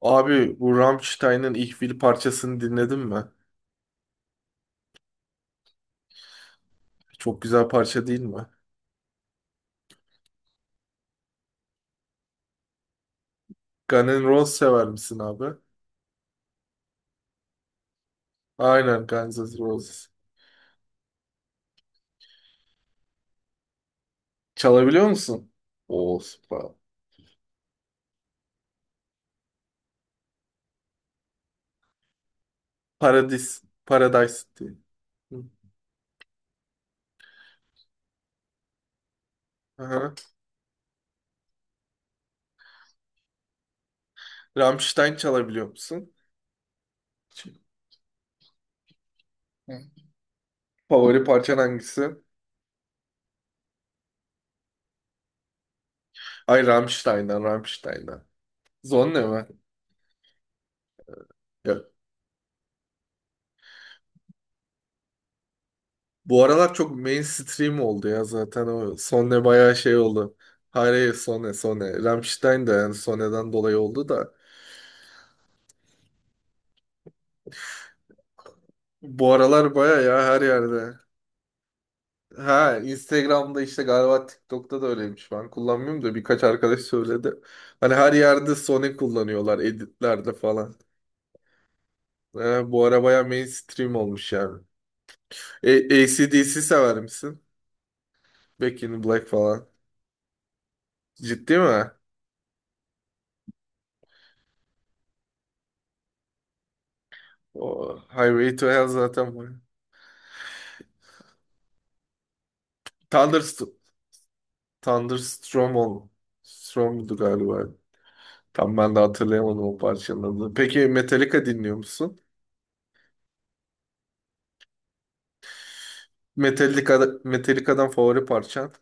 Abi bu Rammstein'ın Ich Will parçasını dinledin mi? Çok güzel parça değil mi? Guns N' Roses sever misin abi? Aynen Guns N' Roses. Çalabiliyor musun? Oo süper. Paradis. Paradise City. Hı. Aha. Rammstein çalabiliyor musun? Favori parçan hangisi? Ay Rammstein'dan. Zonne mi? Yok. Bu aralar çok mainstream oldu ya zaten o Sonne bayağı şey oldu. Hayır, hayır, Sonne, Sonne. Rammstein de yani Sonne'den dolayı oldu da. Bu aralar baya ya her yerde. Ha, Instagram'da işte galiba TikTok'ta da öyleymiş. Ben kullanmıyorum da birkaç arkadaş söyledi. Hani her yerde Sony kullanıyorlar editlerde falan. Ha, bu ara baya mainstream olmuş yani. AC/DC sever misin? Back in Black falan. Ciddi mi? O Highway to Hell zaten bu. Thunderst Thunderstorm ol. Storm'du galiba. Tam ben de hatırlayamadım o parçanın adını. Peki Metallica dinliyor musun? Metallica'dan favori parçan.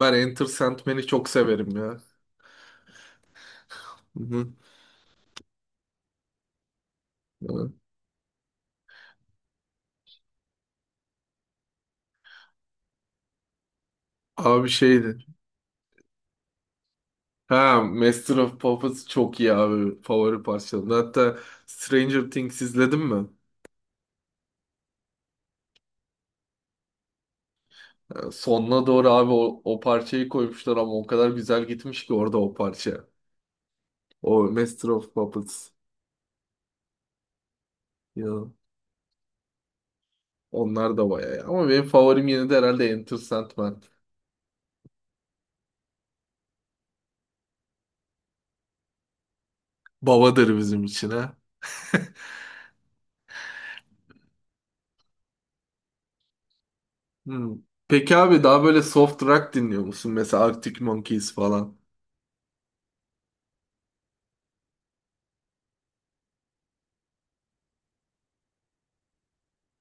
Ben Enter Sandman'i çok severim ya. Hı hı. Evet. Abi şeydi. Ha, Master of Puppets çok iyi abi. Favori parçalarım. Hatta Stranger Things izledin mi? Ha, sonuna doğru abi o parçayı koymuşlar ama o kadar güzel gitmiş ki orada o parça. O Master of Puppets. Ya, onlar da bayağı iyi. Ama benim favorim yine de herhalde Enter Sandman. Babadır bizim için ha. Hmm. Peki abi daha böyle soft rock dinliyor musun? Mesela Arctic Monkeys falan.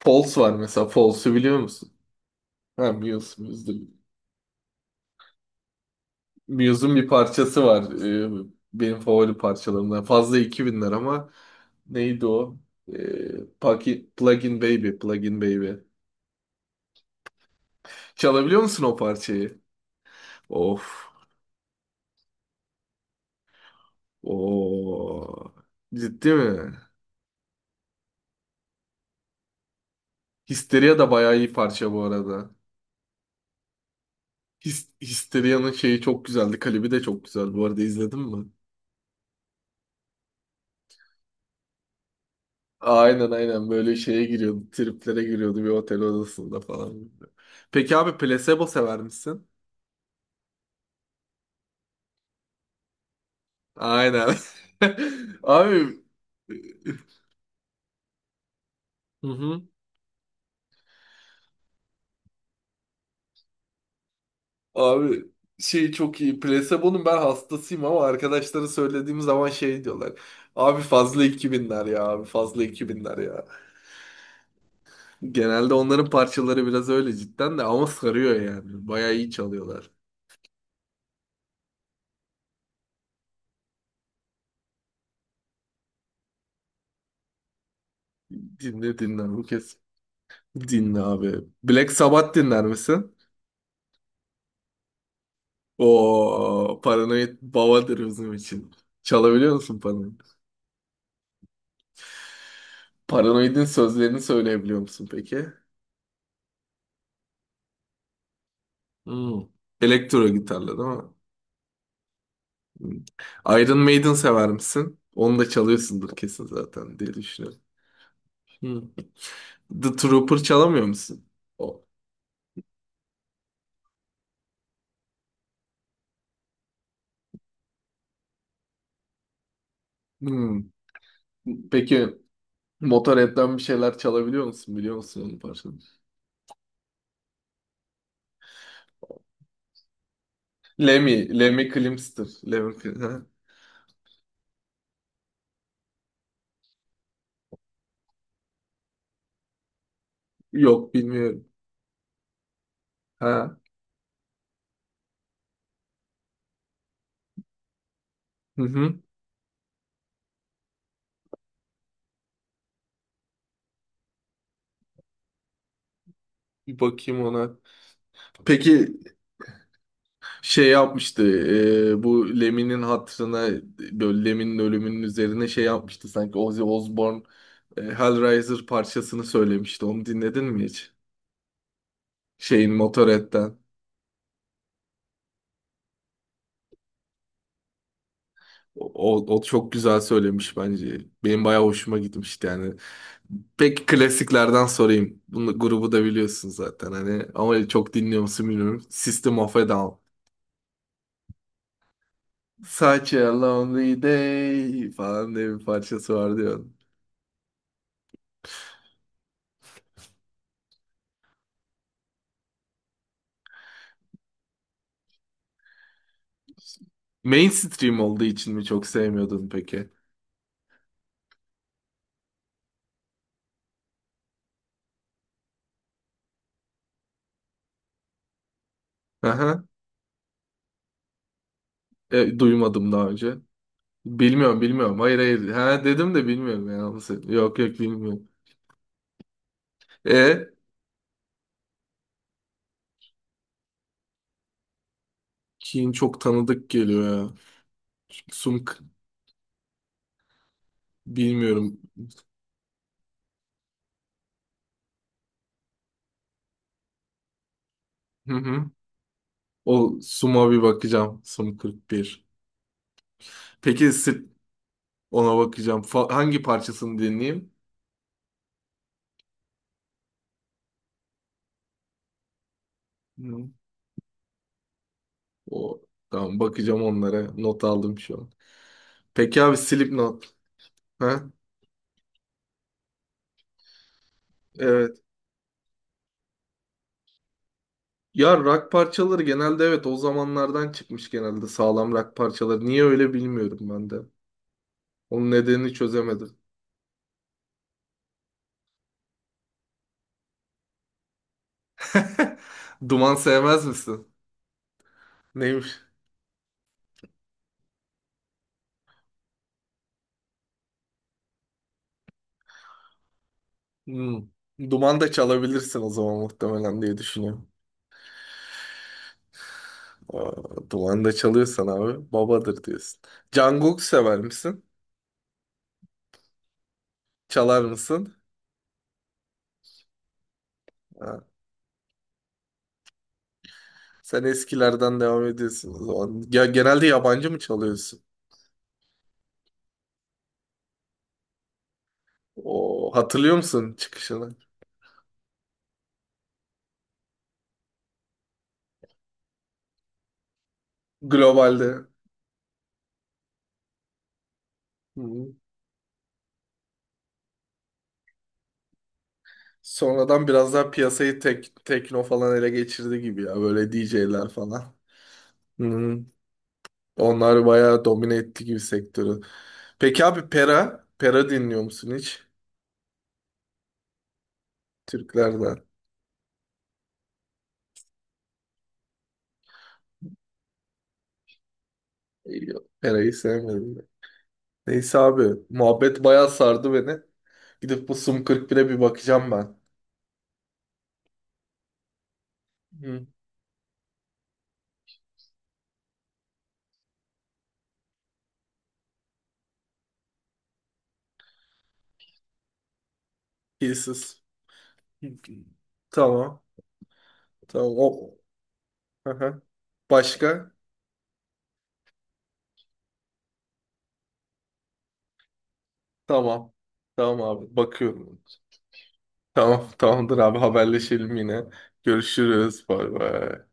False var mesela. False'u biliyor musun? Ha, Muse. Muse'dur. Muse'un bir parçası var. Ee, benim favori parçalarımdan. Fazla iki binler ama neydi o? Paki- Plug in Baby. Plug in Baby. Çalabiliyor musun o parçayı? Of. Oo. Ciddi mi? Histeria da bayağı iyi parça bu arada. His Histeria'nın şeyi çok güzeldi. Klibi de çok güzel. Bu arada izledin mi? Aynen aynen böyle şeye giriyordu, triplere giriyordu bir otel odasında falan. Peki abi placebo sever misin? Aynen. Abi. Hı hı. Abi şey çok iyi. Placebo'nun ben hastasıyım ama arkadaşlara söylediğim zaman şey diyorlar. Abi fazla iki binler ya abi fazla iki binler ya. Genelde onların parçaları biraz öyle cidden de ama sarıyor yani. Bayağı iyi çalıyorlar. Dinle dinle bu kez. Dinle abi. Black Sabbath dinler misin? O paranoid babadır bizim için. Çalabiliyor musun paranoid? Paranoid'in sözlerini söyleyebiliyor musun peki? Hmm. Elektro gitarla değil mi? Hmm. Iron Maiden sever misin? Onu da çalıyorsundur kesin zaten diye düşünüyorum. Hmm. The Trooper çalamıyor musun? O. Hmm. Peki Motorhead'den bir şeyler çalabiliyor musun? Biliyor musun onun parçasını? Lemmy, Lemmy Kilmister. Lemmy, Kil- ha? Yok bilmiyorum. Ha. Hı hı. Bir bakayım ona. Peki şey yapmıştı, bu Lemin'in hatırına böyle Lemin'in ölümünün üzerine şey yapmıştı sanki Ozzy Osbourne, Hellraiser parçasını söylemişti onu dinledin mi hiç? Şeyin Motorhead'den. O çok güzel söylemiş bence. Benim bayağı hoşuma gitmişti yani. Peki klasiklerden sorayım. Bunu grubu da biliyorsun zaten hani ama çok dinliyor musun bilmiyorum. System of a Down. Such a lonely day falan diye bir parçası vardı ya. Mainstream olduğu için mi çok sevmiyordun peki? Aha, duymadım daha önce. Bilmiyorum bilmiyorum. Hayır hayır. Ha dedim de bilmiyorum yani. Onu se- Yok yok bilmiyorum. E, Keen çok tanıdık geliyor ya. Sum bilmiyorum. Hı hı. O Sum'a bir bakacağım. Sum 41. Peki sırf ona bakacağım. Fa- hangi parçasını dinleyeyim? Hı. O tamam, bakacağım onlara. Not aldım şu an. Peki abi Slipknot. Ha? Evet. Ya rock parçaları genelde evet o zamanlardan çıkmış genelde sağlam rock parçaları. Niye öyle bilmiyorum ben de. Onun nedenini çözemedim. Duman sevmez misin? Neymiş? Hmm. Duman da çalabilirsin o zaman muhtemelen diye düşünüyorum. Aa, duman da çalıyorsan abi babadır diyorsun. Jungkook sever misin? Çalar mısın? Ha, sen eskilerden devam ediyorsun o zaman. Ya genelde yabancı mı çalıyorsun? O hatırlıyor musun çıkışını? Globalde. Hı. Sonradan biraz daha piyasayı tekno falan ele geçirdi gibi ya. Böyle DJ'ler falan. Hı. Onlar bayağı domine etti gibi sektörü. Peki abi Pera? Pera dinliyor musun hiç? Türklerden. İyi, Pera'yı sevmedim ben. Neyse abi. Muhabbet bayağı sardı beni. Gidip bu Sum 41'e bir bakacağım ben. Hı. Pieces. Hı. Tamam. Tamam. O. Aha. Başka? Tamam. Tamam abi. Bakıyorum. Tamam, tamamdır abi haberleşelim yine. Görüşürüz. Bay bay.